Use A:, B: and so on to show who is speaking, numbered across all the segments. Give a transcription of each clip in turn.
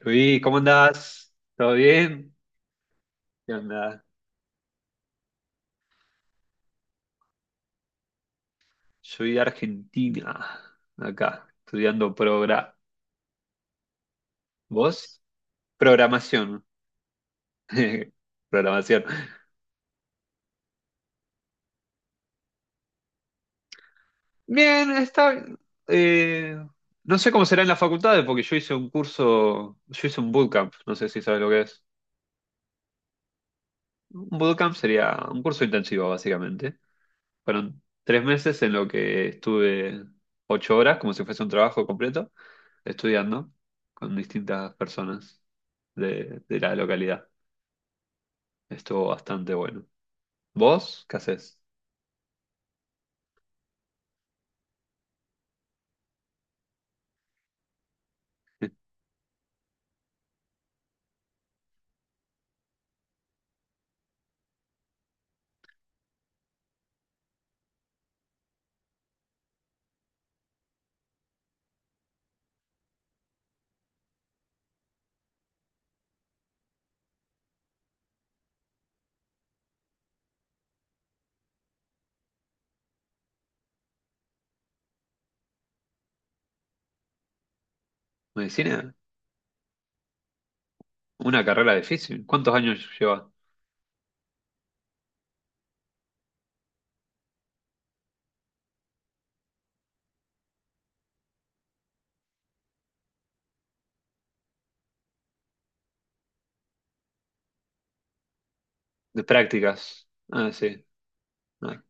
A: Luis, ¿cómo andás? ¿Todo bien? ¿Qué onda? Soy de Argentina, acá, estudiando ¿Vos? Programación. Programación. Bien, está... eh, no sé cómo será en las facultades, porque yo hice un curso, yo hice un bootcamp, no sé si sabes lo que es. Un bootcamp sería un curso intensivo, básicamente. Fueron 3 meses en lo que estuve 8 horas, como si fuese un trabajo completo, estudiando con distintas personas de la localidad. Estuvo bastante bueno. ¿Vos qué haces? ¿Medicina? Una carrera difícil. ¿Cuántos años llevas de prácticas? Ah, sí. Ah,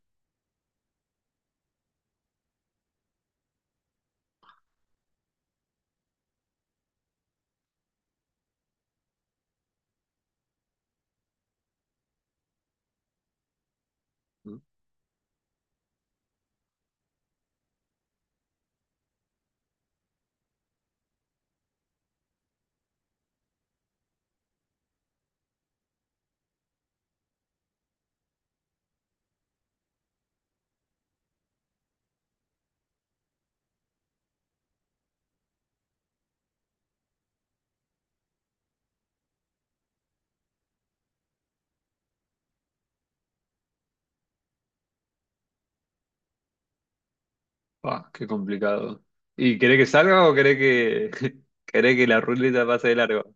A: ah, qué complicado. ¿Y querés que salga o querés que, querés que la ruleta pase de largo?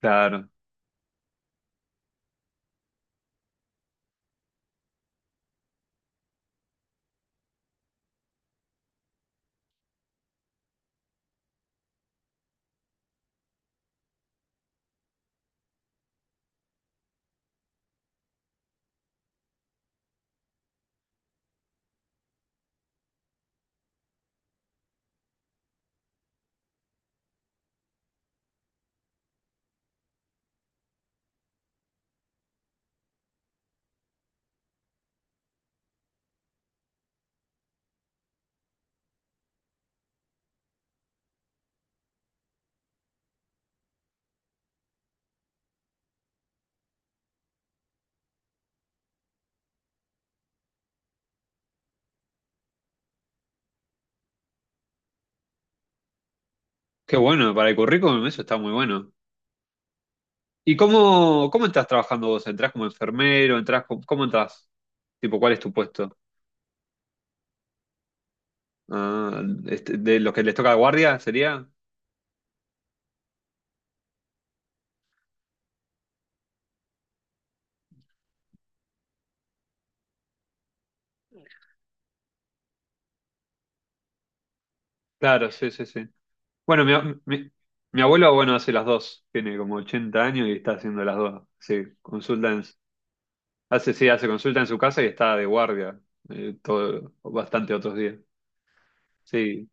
A: Claro. Qué bueno, para el currículum eso está muy bueno. ¿Y cómo estás trabajando vos? ¿Entrás como enfermero? ¿Entrás, cómo entrás? Tipo, ¿cuál es tu puesto? Ah, este, de los que les toca guardia sería. Claro, sí, sí, sí. Bueno, mi abuelo, bueno, hace las dos. Tiene como 80 años y está haciendo las dos. Sí, consulta hace, sí, hace consulta en su casa y está de guardia todo, bastante otros días. Sí,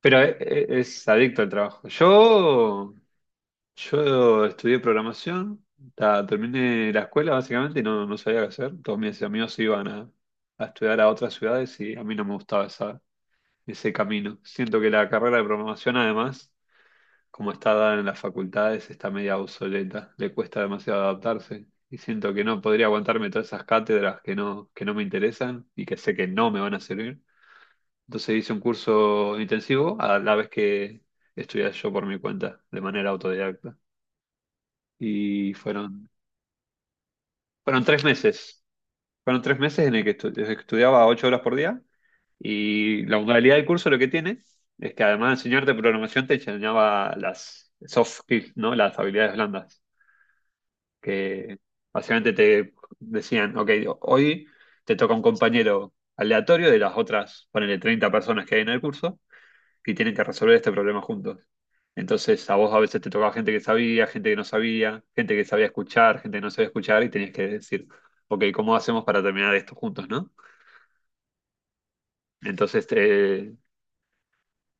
A: pero es adicto al trabajo. Yo estudié programación, terminé la escuela básicamente y no, no sabía qué hacer. Todos mis amigos iban a estudiar a otras ciudades y a mí no me gustaba esa, ese camino. Siento que la carrera de programación, además, como está dada en las facultades, está media obsoleta, le cuesta demasiado adaptarse. Y siento que no podría aguantarme todas esas cátedras que no me interesan y que sé que no me van a servir. Entonces hice un curso intensivo a la vez que estudié yo por mi cuenta, de manera autodidacta. Y fueron, fueron tres meses Fueron 3 meses en el que estudiaba 8 horas por día, y la modalidad del curso lo que tiene es que, además de enseñarte programación, te enseñaba las soft skills, ¿no? Las habilidades blandas, que básicamente te decían, ok, hoy te toca un compañero aleatorio de las otras, ponele, 30 personas que hay en el curso, y tienen que resolver este problema juntos. Entonces a vos a veces te tocaba gente que sabía, gente que no sabía, gente que sabía escuchar, gente que no sabía escuchar, y tenías que decir, ok, ¿cómo hacemos para terminar esto juntos, ¿no? Entonces,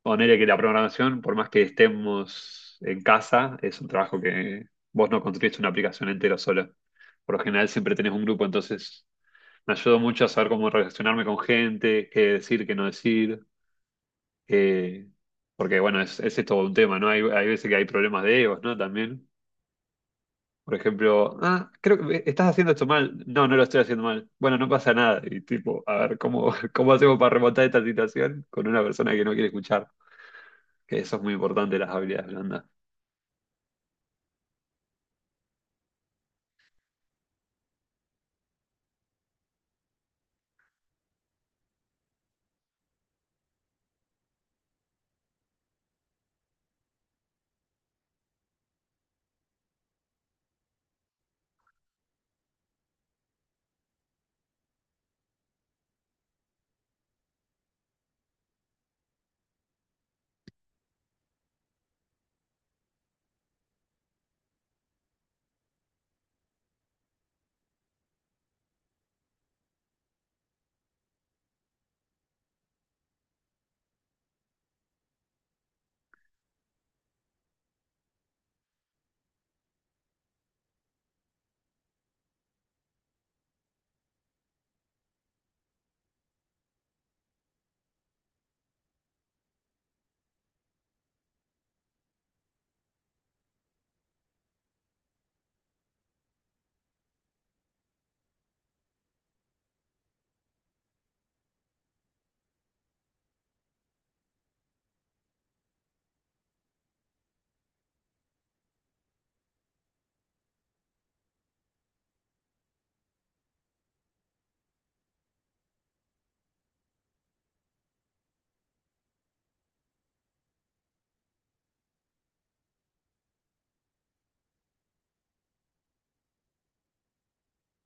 A: ponele que la programación, por más que estemos en casa, es un trabajo que vos no construís una aplicación entera solo. Por lo general siempre tenés un grupo, entonces me ayudó mucho a saber cómo relacionarme con gente, qué decir, qué no decir. eh, Porque bueno, es, ese es todo un tema, ¿no? Hay veces que hay problemas de egos, ¿no? También. Por ejemplo, ah, creo que estás haciendo esto mal. No, no lo estoy haciendo mal. Bueno, no pasa nada. Y tipo, a ver, ¿cómo, cómo hacemos para remontar esta situación con una persona que no quiere escuchar? Que eso es muy importante, las habilidades blandas.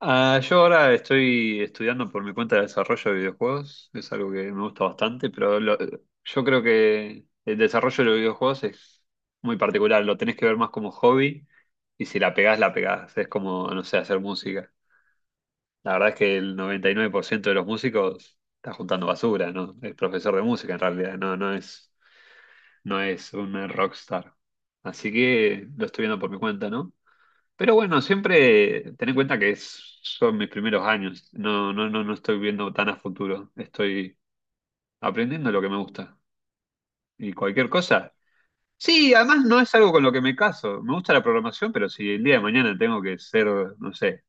A: Ah, yo ahora estoy estudiando por mi cuenta de desarrollo de videojuegos, es algo que me gusta bastante, yo creo que el desarrollo de los videojuegos es muy particular, lo tenés que ver más como hobby, y si la pegás, la pegás, es como, no sé, hacer música. La verdad es que el 99% de los músicos está juntando basura, ¿no? Es profesor de música en realidad, no, no es, no es un rockstar. Así que lo estoy viendo por mi cuenta, ¿no? Pero bueno, siempre ten en cuenta que son mis primeros años. No, no, no, no estoy viendo tan a futuro. Estoy aprendiendo lo que me gusta. Y cualquier cosa. Sí, además no es algo con lo que me caso. Me gusta la programación, pero si el día de mañana tengo que ser, no sé,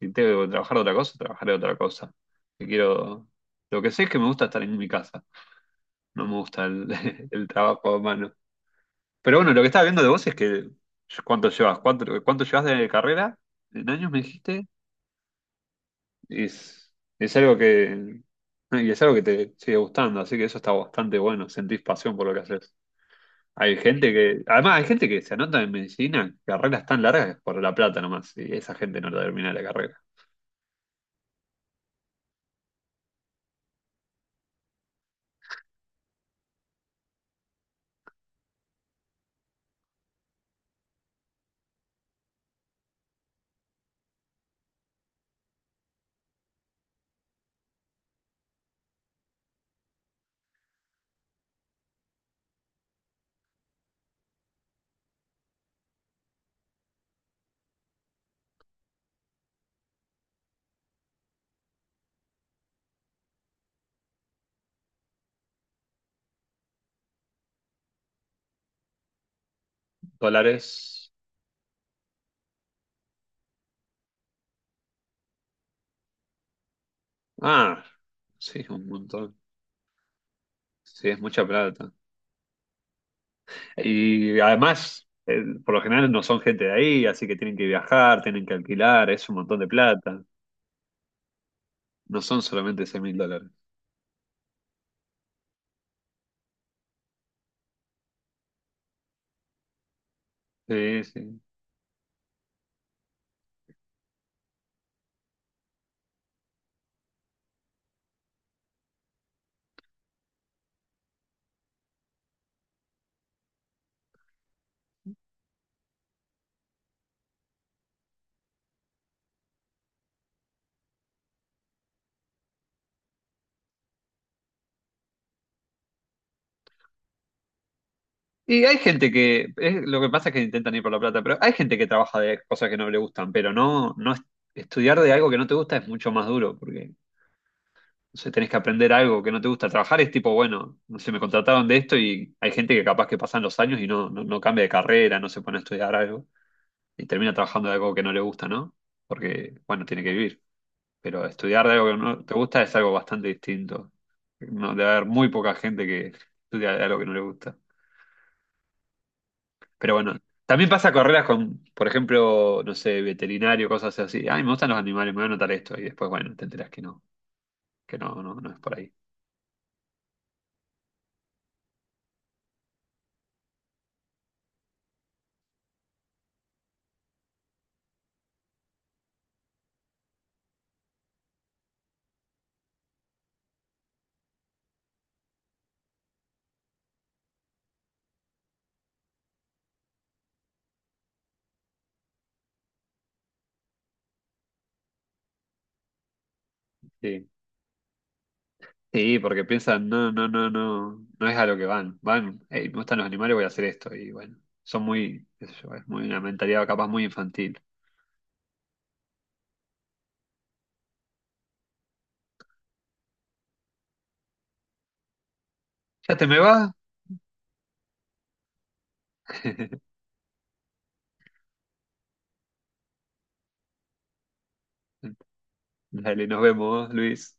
A: si tengo que trabajar de otra cosa, trabajaré de otra cosa. Si quiero. Lo que sé es que me gusta estar en mi casa. No me gusta el, el trabajo a mano. Pero bueno, lo que estaba viendo de vos es que. ¿Cuánto llevas? ¿Cuánto llevas de carrera? ¿En años me dijiste? Y es algo que, y es algo que te sigue gustando, así que eso está bastante bueno, sentís pasión por lo que haces. Hay gente que, además hay gente que se anota en medicina, carreras tan largas por la plata nomás, y esa gente no termina la carrera. Dólares, ah, sí, un montón, sí, es mucha plata. Y además, por lo general no son gente de ahí, así que tienen que viajar, tienen que alquilar, es un montón de plata, no son solamente 6 mil dólares. Sí, sí. Y hay gente que, lo que pasa es que intentan ir por la plata, pero hay gente que trabaja de cosas que no le gustan, pero no, no es- estudiar de algo que no te gusta es mucho más duro, porque no sé, tenés que aprender algo que no te gusta. Trabajar es tipo, bueno, no sé, me contrataron de esto, y hay gente que capaz que pasan los años y no, no, no cambia de carrera, no se pone a estudiar algo y termina trabajando de algo que no le gusta, ¿no? Porque, bueno, tiene que vivir, pero estudiar de algo que no te gusta es algo bastante distinto. No, debe haber muy poca gente que estudia de algo que no le gusta. Pero bueno, también pasa carreras con, por ejemplo, no sé, veterinario, cosas así. Ay, me gustan los animales, me voy a anotar esto. Y después, bueno, te enteras que no, no, no es por ahí. Sí. Sí, porque piensan, no, no, no, no, no es a lo que van. Van, hey, me gustan los animales, voy a hacer esto. Y bueno, son muy, qué sé yo, es muy una mentalidad capaz muy infantil. Ya te me va. Dale, nos vemos, Luis.